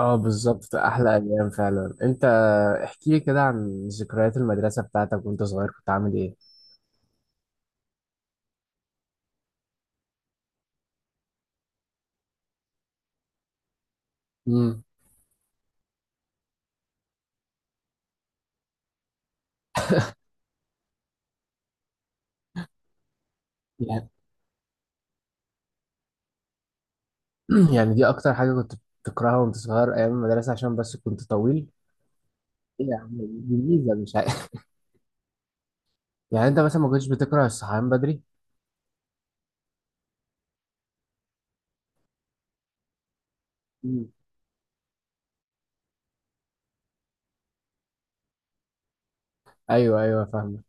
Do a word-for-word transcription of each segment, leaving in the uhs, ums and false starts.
اه بالظبط، ده احلى ايام فعلا. انت احكي لي كده عن ذكريات المدرسه بتاعتك وانت صغير، كنت عامل ايه؟ امم يعني يعني دي اكتر حاجه كنت بتكرهها وانت صغير، ايام المدرسه، عشان بس كنت طويل؟ ايه يا عم، دي ميزه مش عارف. يعني انت مثلا ما كنتش بتكره الصحيان بدري؟ مم. ايوه ايوه فاهمه.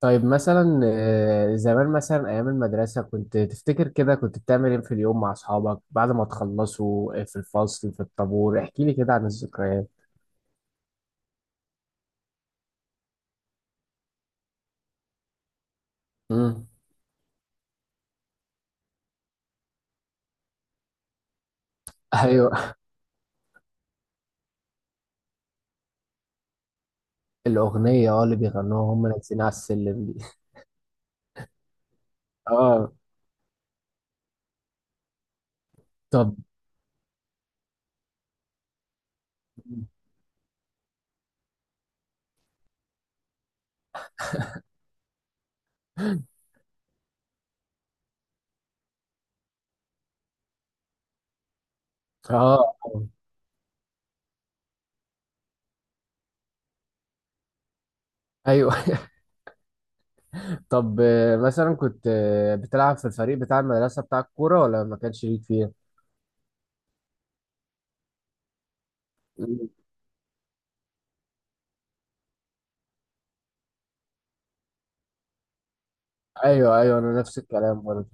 طيب مثلا آه، زمان مثلا ايام المدرسه، كنت تفتكر كده كنت بتعمل ايه في اليوم مع اصحابك بعد ما تخلصوا آه، في الفصل، في الطابور؟ احكي لي كده عن الذكريات. امم ايوه، الأغنية اه اللي بيغنوها هم نازلين على السلم دي. اه. طب. اه. ايوه. طب آه، مثلا كنت آه، بتلعب في الفريق بتاع المدرسة بتاع الكورة، ولا ما كانش ليك فيه؟ ايوه ايوه، انا نفس الكلام برضه.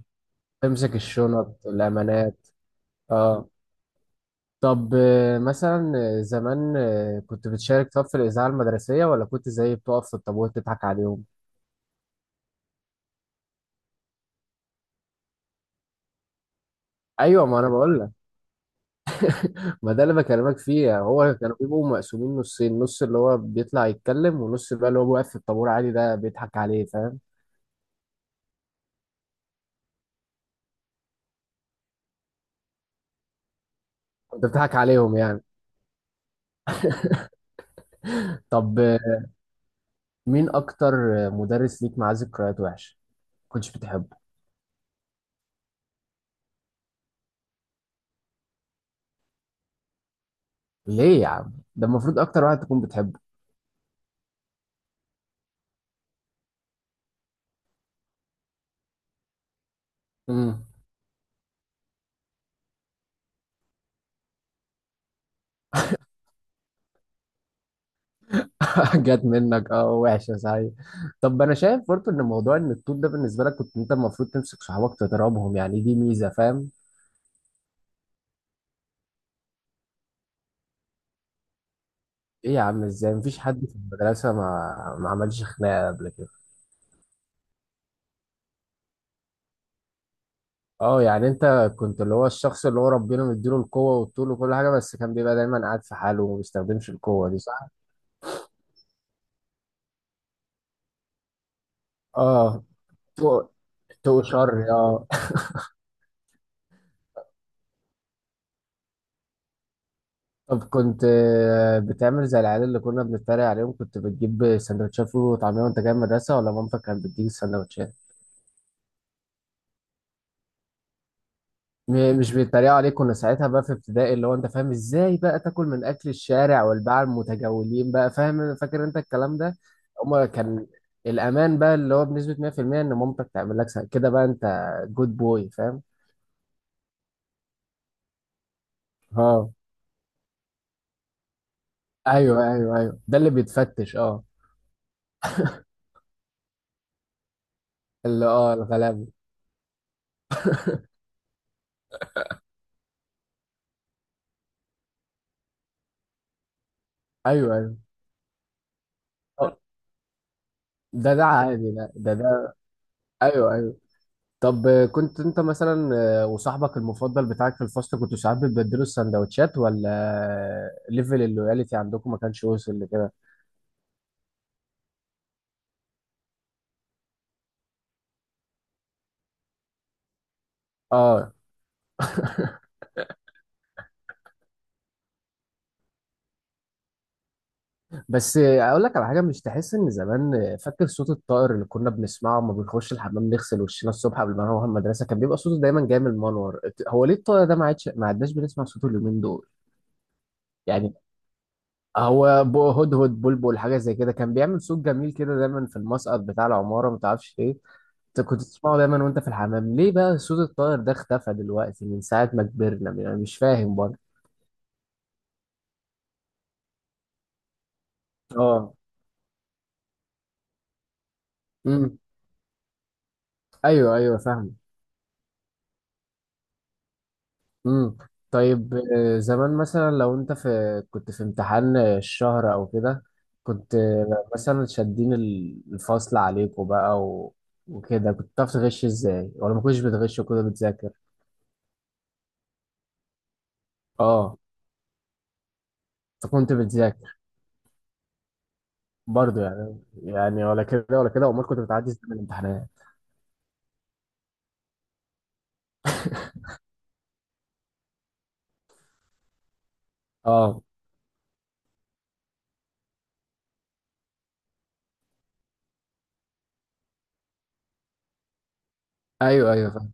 تمسك الشنط الأمانات. اه. طب آه، مثلا آه، زمان آه، كنت بتشارك طب في الإذاعة المدرسية، ولا كنت زي بتقف في الطابور تضحك عليهم؟ ايوه، ما انا بقول لك، ما ده اللي بكلمك فيه يعني. هو كانوا بيبقوا مقسومين نصين، نص اللي هو بيطلع يتكلم ونص بقى اللي هو واقف في الطابور عادي ده بيضحك عليه، فاهم؟ انت بتضحك عليهم يعني. طب مين اكتر مدرس ليك معاه ذكريات وحشه، ما كنتش بتحبه؟ ليه يا عم؟ ده المفروض اكتر واحد تكون بتحبه. امم جت منك اه، وحشه صحيح. طب انا شايف برضه ان موضوع ان الطول ده بالنسبه لك، كنت انت المفروض تمسك صحابك تضربهم يعني، دي ميزه فاهم. ايه يا عم، ازاي مفيش حد في المدرسه ما ما عملش خناقه قبل كده؟ اه، يعني انت كنت اللي هو الشخص اللي هو ربنا مديله القوة والطول وكل حاجة، بس كان بيبقى دايما قاعد في حاله وما بيستخدمش القوة دي، صح؟ اه. تو تو شر اه. طب كنت آه، بتعمل زي العيال اللي كنا بنتريق عليهم، كنت بتجيب سندوتشات فول وطعمية وانت جاي من المدرسة، ولا مامتك كانت بتديك السندوتشات؟ م- مش بيتريقوا عليك، كنا ساعتها بقى في ابتدائي اللي هو انت فاهم ازاي بقى تاكل من اكل الشارع والباعة المتجولين بقى، فاهم؟ فاكر انت الكلام ده؟ هما كان الامان بقى اللي هو بنسبة مية في المية ان مامتك تعمل لك سا- كده بقى. انت جود بوي فاهم. اه ايوه ايوه ايوه، ده اللي بيتفتش اه. اللي اه الغلابة. ايوه ايوه آه، ده ده عادي، لا ده ده ايوه ايوه. طب آه، كنت انت مثلا آه، وصاحبك المفضل بتاعك في الفصل، كنتوا ساعات بتبدلوا السندوتشات ولا آه، ليفل اللويالتي عندكم ما كانش وصل لكده؟ اه. بس آه، اقول لك على حاجه، مش تحس ان زمان آه، فاكر صوت الطائر اللي كنا بنسمعه لما بنخش الحمام نغسل وشنا الصبح قبل ما نروح المدرسه، كان بيبقى صوته دايما جاي من المنور. هو ليه الطائر ده ما عادش، ما عدناش بنسمع صوته اليومين دول؟ يعني هو بو- هدهد، بلبل، حاجه زي كده كان بيعمل صوت جميل كده دايما في المسقط بتاع العماره، ما تعرفش ليه. انت كنت تسمعه دايما وانت في الحمام، ليه بقى صوت الطائر ده اختفى دلوقتي من ساعه ما كبرنا يعني؟ مش فاهم برضه. اه. امم ايوه ايوه فاهم. امم طيب آه، زمان مثلا، لو انت في كنت في امتحان الشهر او كده، كنت آه، مثلا شادين ال- الفصل عليكم بقى و... وكده، كنت بتعرف تغش ازاي، ولا ما كنتش بتغش وكده بتذاكر؟ اه، فكنت بتذاكر. برضه يعني، يعني ولا كده ولا كده، امال كنت بتعدي ازاي من الامتحانات؟ اه ايوه ايوه فاهم.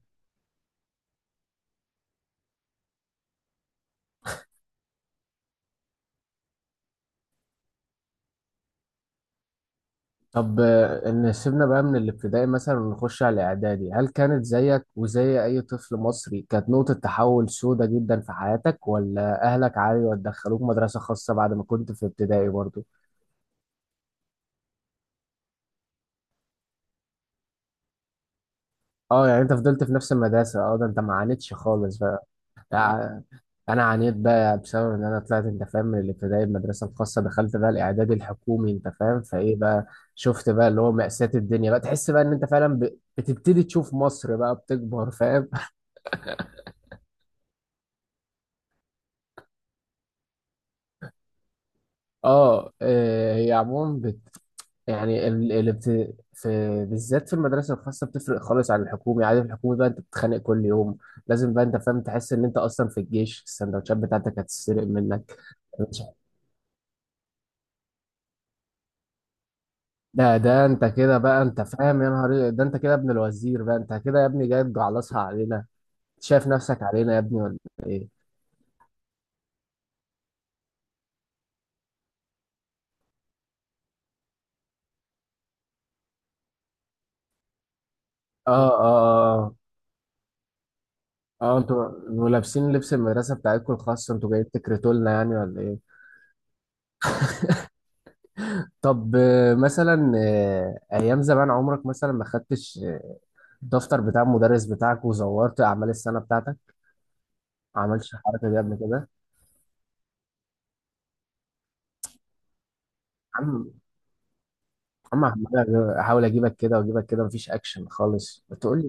طب آه، ان سيبنا بقى من الابتدائي مثلا ونخش على الاعدادي، هل كانت زيك وزي اي طفل مصري كانت نقطة تحول سودة جدا في حياتك، ولا اهلك عادي ودخلوك مدرسة خاصة بعد ما كنت في ابتدائي برضه؟ اه يعني انت فضلت في نفس المدرسة، اه ده انت ما عانيتش خالص بقى. يعني انا عانيت بقى بسبب ان انا طلعت انت فاهم من الابتدائي المدرسه الخاصه، دخلت بقى الاعدادي الحكومي انت فاهم، فايه بقى؟ شفت بقى اللي هو مأساة الدنيا بقى، تحس بقى ان انت فعلا ب- بتبتدي تشوف مصر بقى بتكبر، فاهم؟ اه آه، هي عموما بت... يعني ال... ال... بت... في بالذات في المدرسه الخاصه بتفرق خالص عن الحكومي. عادي في الحكومي بقى انت بتتخانق كل يوم، لازم بقى انت فاهم تحس ان انت اصلا في الجيش، السندوتشات بتاعتك هتتسرق منك. ده ده انت كده بقى انت فاهم، يا نهار إيه، ده انت كده ابن الوزير بقى، انت كده يا ابني جاي تجعلصها علينا؟ شايف نفسك علينا يا ابني ولا ايه؟ اه اه اه اه. انتوا انتوا لابسين لبس المدرسه بتاعتكم الخاص، انتوا جايين تكرتوا لنا يعني ولا ايه؟ طب آه، مثلا آه، ايام زمان عمرك مثلا ما خدتش آه، الدفتر بتاع المدرس بتاعك وزورت اعمال السنه بتاعتك؟ ما عملتش الحركه دي قبل كده؟ عم عم عمال احاول اجيبك كده واجيبك كده، مفيش اكشن خالص بتقول لي.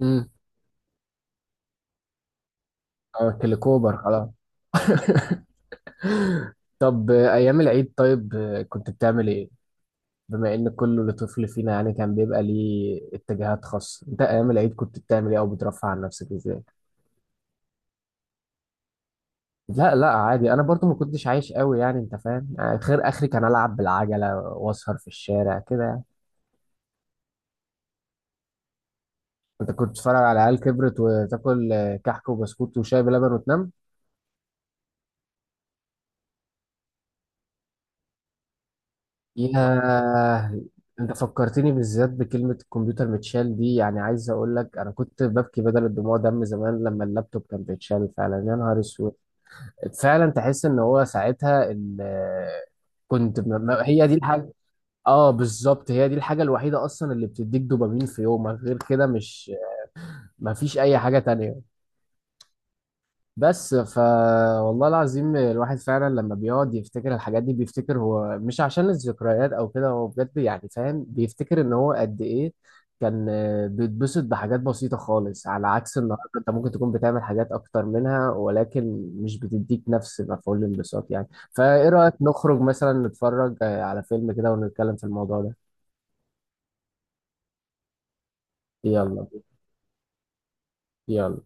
امم. كليكوبر خلاص. طب آه، أيام العيد، طيب آه، كنت بتعمل إيه؟ بما إن كل طفل فينا يعني كان بيبقى ليه اتجاهات خاصة، أنت أيام العيد كنت بتعمل إيه، أو بترفع عن نفسك إزاي؟ لا لا عادي، أنا برضو ما كنتش عايش قوي يعني أنت فاهم؟ يعني خير آخري كان ألعب بالعجلة وأسهر في الشارع كده يعني. أنت كنت بتتفرج على عيال كبرت، وتاكل آه، كحك وبسكوت وشاي بلبن وتنام؟ ياه. انت فكرتني بالذات بكلمة الكمبيوتر متشال دي، يعني عايز اقول لك انا كنت ببكي بدل الدموع دم زمان لما اللابتوب كان بيتشال، فعلا يا نهار اسود. فعلا تحس ان هو ساعتها ال- كنت م- م- هي دي الحاجة. اه بالظبط، هي دي الحاجة الوحيدة اصلا اللي بتديك دوبامين في يومك، غير كده مش مفيش اي حاجة تانية. بس ف والله العظيم، الواحد فعلا لما بيقعد يفتكر الحاجات دي، بيفتكر هو مش عشان الذكريات او كده، هو بجد يعني فاهم، بيفتكر ان هو قد ايه كان آه، بيتبسط بحاجات بسيطة خالص، على عكس النهارده انت ممكن تكون بتعمل حاجات اكتر منها ولكن مش بتديك نفس مفعول الانبساط يعني. فايه رأيك نخرج مثلا نتفرج آه، على فيلم كده ونتكلم في الموضوع ده؟ يلا. يلا.